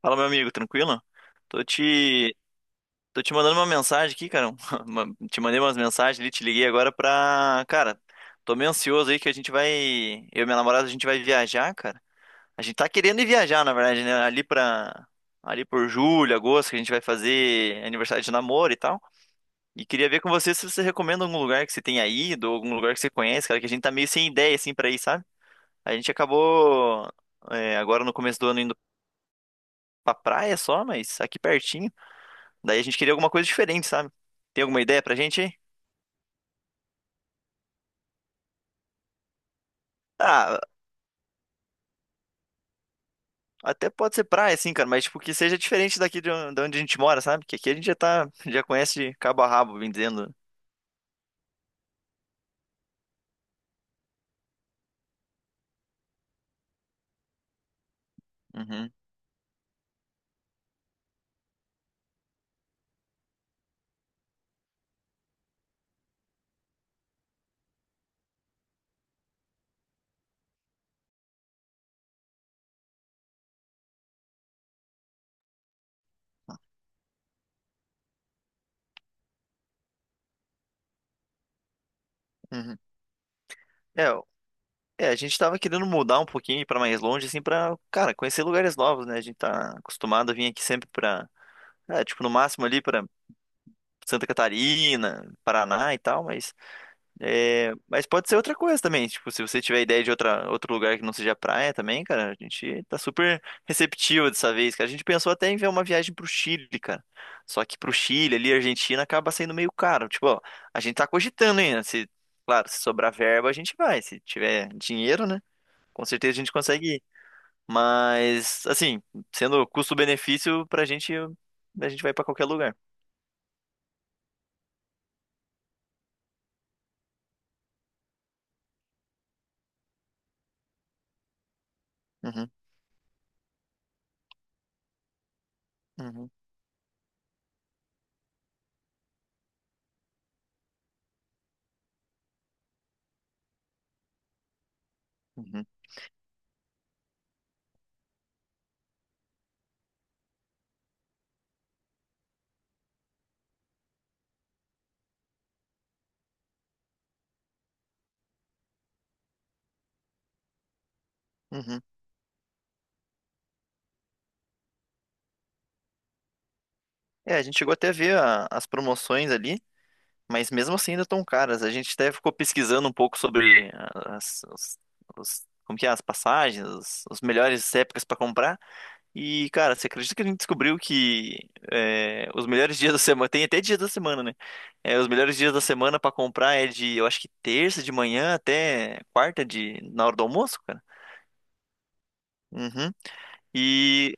Fala, meu amigo, tranquilo? Tô te, tô te mandando uma mensagem aqui, cara. Te mandei umas mensagens ali, te liguei agora pra. Cara, tô meio ansioso aí que a gente vai. Eu e minha namorada, a gente vai viajar, cara. A gente tá querendo ir viajar, na verdade, né? Ali pra. Ali por julho, agosto, que a gente vai fazer aniversário de namoro e tal. E queria ver com você se você recomenda algum lugar que você tenha ido, ou algum lugar que você conhece, cara, que a gente tá meio sem ideia, assim, pra ir, sabe? A gente acabou agora no começo do ano indo pra praia só, mas aqui pertinho. Daí a gente queria alguma coisa diferente, sabe? Tem alguma ideia pra gente aí? Ah, até pode ser praia, sim, cara, mas tipo, que seja diferente daqui de onde a gente mora, sabe? Que aqui a gente já tá, já conhece de cabo a rabo, bem dizendo. Uhum, uhum. É, o- é, a gente tava querendo mudar um pouquinho pra mais longe, assim, pra, cara, conhecer lugares novos, né? A gente tá acostumado a vir aqui sempre pra, é, tipo, no máximo ali pra Santa Catarina, Paraná e tal, mas é, mas pode ser outra coisa também. Tipo, se você tiver ideia outro lugar que não seja praia também, cara, a gente tá super receptivo dessa vez, cara. A gente pensou até em ver uma viagem pro Chile, cara. Só que pro Chile ali, a Argentina acaba sendo meio caro. Tipo, ó, a gente tá cogitando ainda. Se, claro, se sobrar verba, a gente vai. Se tiver dinheiro, né? Com certeza a gente consegue ir. Mas, assim, sendo custo-benefício pra gente, a gente vai pra qualquer lugar. Uhum, uhum, uhum, uhum. É, a gente chegou até a ver as promoções ali. Mas mesmo assim ainda tão caras. A gente até ficou pesquisando um pouco sobre ah, como que é, as passagens, os melhores épocas para comprar. E, cara, você acredita que a gente descobriu que é, os melhores dias da semana, tem até dias da semana, né? É, os melhores dias da semana para comprar é de, eu acho que terça de manhã até quarta de, na hora do almoço, cara. Uhum. E,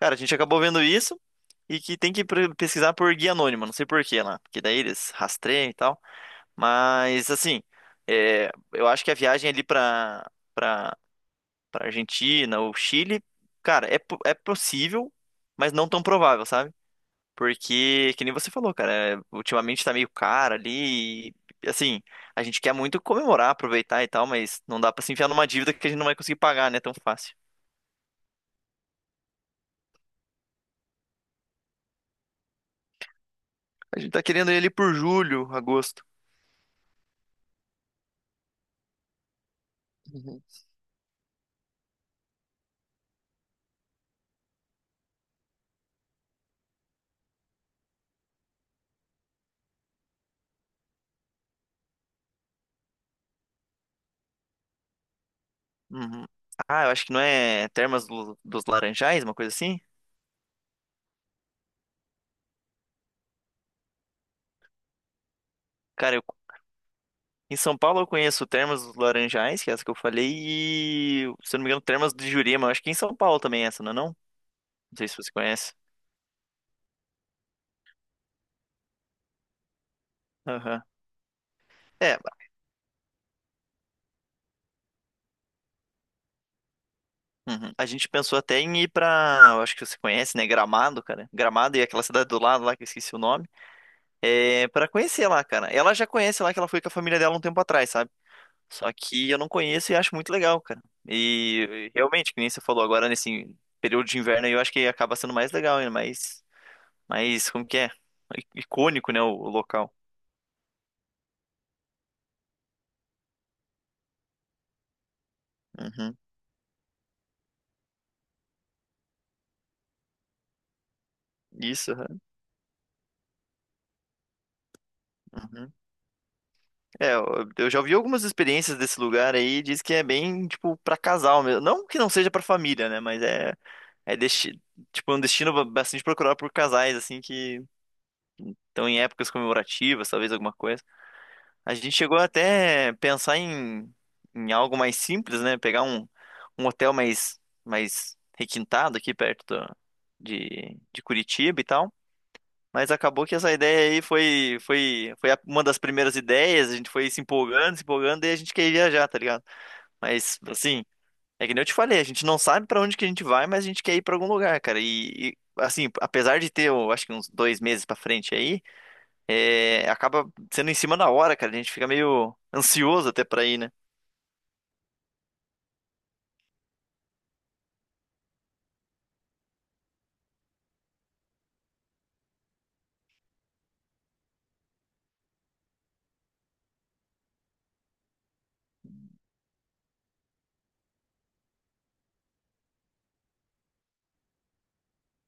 cara, a gente acabou vendo isso e que tem que pesquisar por guia anônima não sei por quê lá, porque daí eles rastreiam e tal. Mas assim, é, eu acho que a viagem ali pra para para Argentina ou Chile, cara, é possível, mas não tão provável, sabe? Porque, que nem você falou, cara, é, ultimamente tá meio caro ali, e, assim, a gente quer muito comemorar, aproveitar e tal, mas não dá pra se enfiar numa dívida que a gente não vai conseguir pagar, né, tão fácil. A gente tá querendo ir ali por julho, agosto. Uhum. Uhum. Ah, eu acho que não é Termas dos Laranjais, uma coisa assim? Cara, eu Em São Paulo eu conheço Termas dos Laranjais, que é essa que eu falei, e, se eu não me engano, Termas de Jurema. Acho que em São Paulo também é essa, não é não? Não sei se você conhece. Aham. É, uhum. A gente pensou até em ir pra, eu acho que você conhece, né? Gramado, cara. Gramado e aquela cidade do lado lá, que eu esqueci o nome. É, pra conhecer lá, cara. Ela já conhece lá, que ela foi com a família dela um tempo atrás, sabe? Só que eu não conheço e acho muito legal, cara. E realmente, que nem você falou agora, nesse período de inverno aí, eu acho que acaba sendo mais legal, ainda mais mas como que é? Icônico, né, o local. Uhum. Isso, aham. Uhum. É, eu eu já ouvi algumas experiências desse lugar aí, diz que é bem, tipo, pra casal mesmo. Não que não seja pra família, né, mas é desti... tipo, um destino bastante procurado por casais, assim, que estão em épocas comemorativas, talvez alguma coisa. A gente chegou até a pensar em algo mais simples, né, um hotel mais, mais requintado aqui de Curitiba e tal. Mas acabou que essa ideia aí foi uma das primeiras ideias, a gente foi se empolgando, se empolgando, e a gente quer ir viajar, tá ligado? Mas, assim, é que nem eu te falei, a gente não sabe pra onde que a gente vai, mas a gente quer ir pra algum lugar, cara. E, assim, apesar de ter, eu acho que uns dois meses pra frente aí, é, acaba sendo em cima da hora, cara. A gente fica meio ansioso até pra ir, né?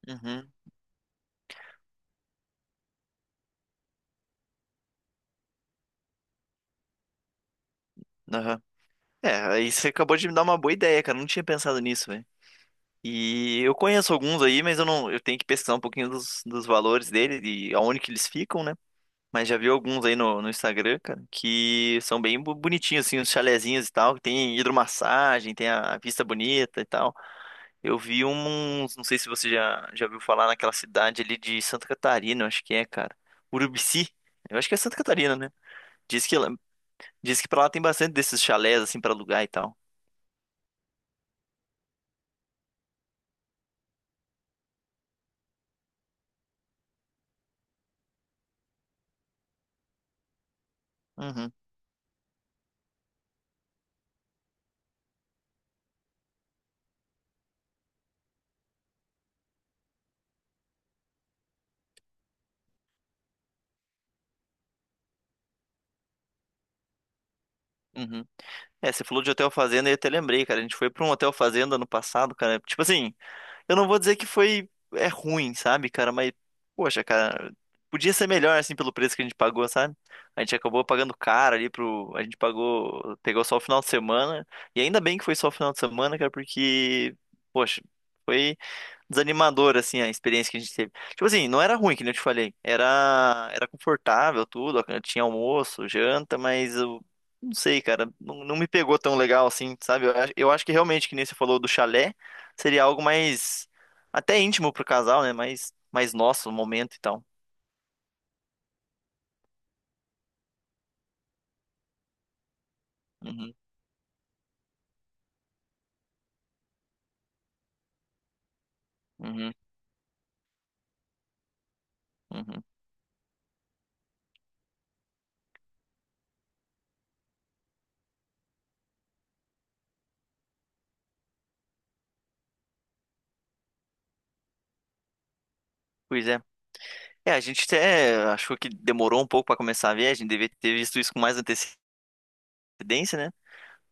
Uhum, aham. É, aí você acabou de me dar uma boa ideia, cara. Eu não tinha pensado nisso. E eu conheço alguns aí, mas eu não, eu tenho que pesquisar um pouquinho dos valores dele e aonde que eles ficam, né? Mas já vi alguns aí no Instagram, cara, que são bem bonitinhos, assim, os chalezinhos e tal, que tem hidromassagem, tem a vista bonita e tal. Eu vi uns, não sei se você já, já ouviu falar naquela cidade ali de Santa Catarina, eu acho que é, cara. Urubici, eu acho que é Santa Catarina, né? Diz que, diz que pra lá tem bastante desses chalés, assim, pra alugar e tal. Uhum. Uhum. É, você falou de hotel fazenda e eu até lembrei, cara. A gente foi pra um hotel fazenda ano passado, cara. Tipo assim, eu não vou dizer que foi ruim, sabe, cara, mas poxa, cara, podia ser melhor assim pelo preço que a gente pagou, sabe? A gente acabou pagando caro ali pro, a gente pagou, pegou só o final de semana, e ainda bem que foi só o final de semana, cara, porque poxa, foi desanimador assim a experiência que a gente teve. Tipo assim, não era ruim, que nem eu te falei, era confortável tudo, tinha almoço, janta, mas eu não sei, cara, não, não me pegou tão legal assim, sabe? Eu acho que realmente que nem você falou do chalé seria algo mais até íntimo pro casal, né? Mais, mais nosso momento e tal. Uhum, uhum, uhum. Pois é. É, a gente até achou que demorou um pouco pra começar a ver, a gente devia ter visto isso com mais antecedência, né?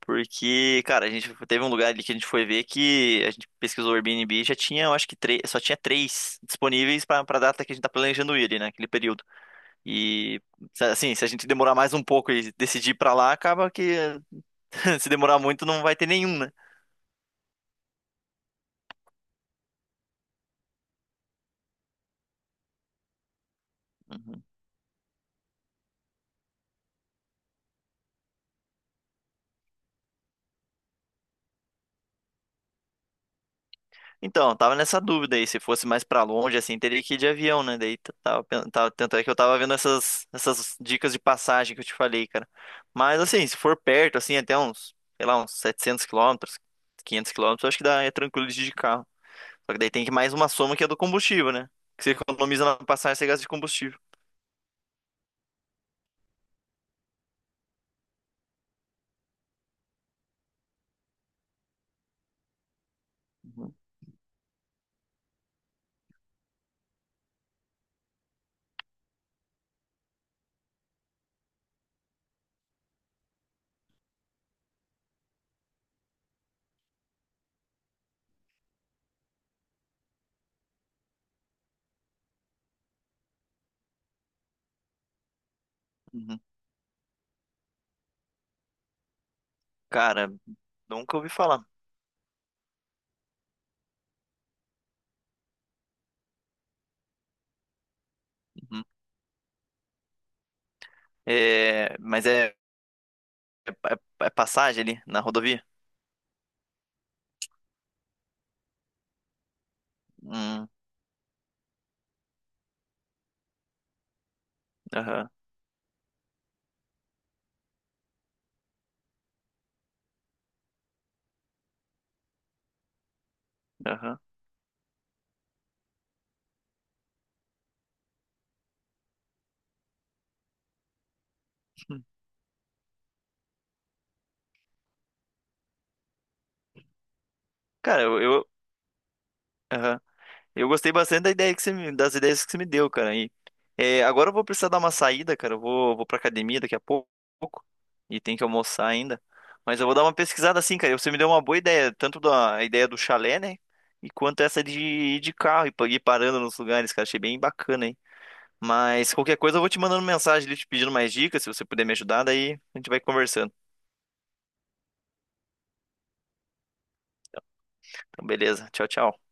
Porque, cara, a gente teve um lugar ali que a gente foi ver que a gente pesquisou o Airbnb e já tinha, eu acho que três, só tinha três disponíveis pra para data que a gente tá planejando ir, ali, né? Aquele período. E assim, se a gente demorar mais um pouco e decidir ir pra lá, acaba que se demorar muito não vai ter nenhum, né? Uhum. Então, eu tava nessa dúvida aí, se fosse mais pra longe, assim, teria que ir de avião, né? Daí tava, tanto é que eu tava vendo essas dicas de passagem que eu te falei, cara. Mas, assim, se for perto, assim, até uns, sei lá, uns 700 km, 500 km, eu acho que dá, é tranquilo de ir de carro. Só que daí tem que mais uma soma que é do combustível, né? Que você economiza na passagem, você gasta de combustível. Uhum. Uhum. Cara, nunca ouvi falar. Uhum. É, mas é passagem ali na rodovia? Hum, aham, aham. Cara, eu, eu, aham. Eu gostei bastante da ideia que você das ideias que você me deu, cara. E, é, agora eu vou precisar dar uma saída, cara. Vou pra academia daqui a pouco. E tem que almoçar ainda. Mas eu vou dar uma pesquisada assim, cara. Você me deu uma boa ideia, tanto da a ideia do chalé, né? E quanto essa de ir de carro e ir parando nos lugares, cara. Achei bem bacana, hein? Mas qualquer coisa eu vou te mandando mensagem ali, te pedindo mais dicas. Se você puder me ajudar, daí a gente vai conversando. Então, beleza. Tchau, tchau.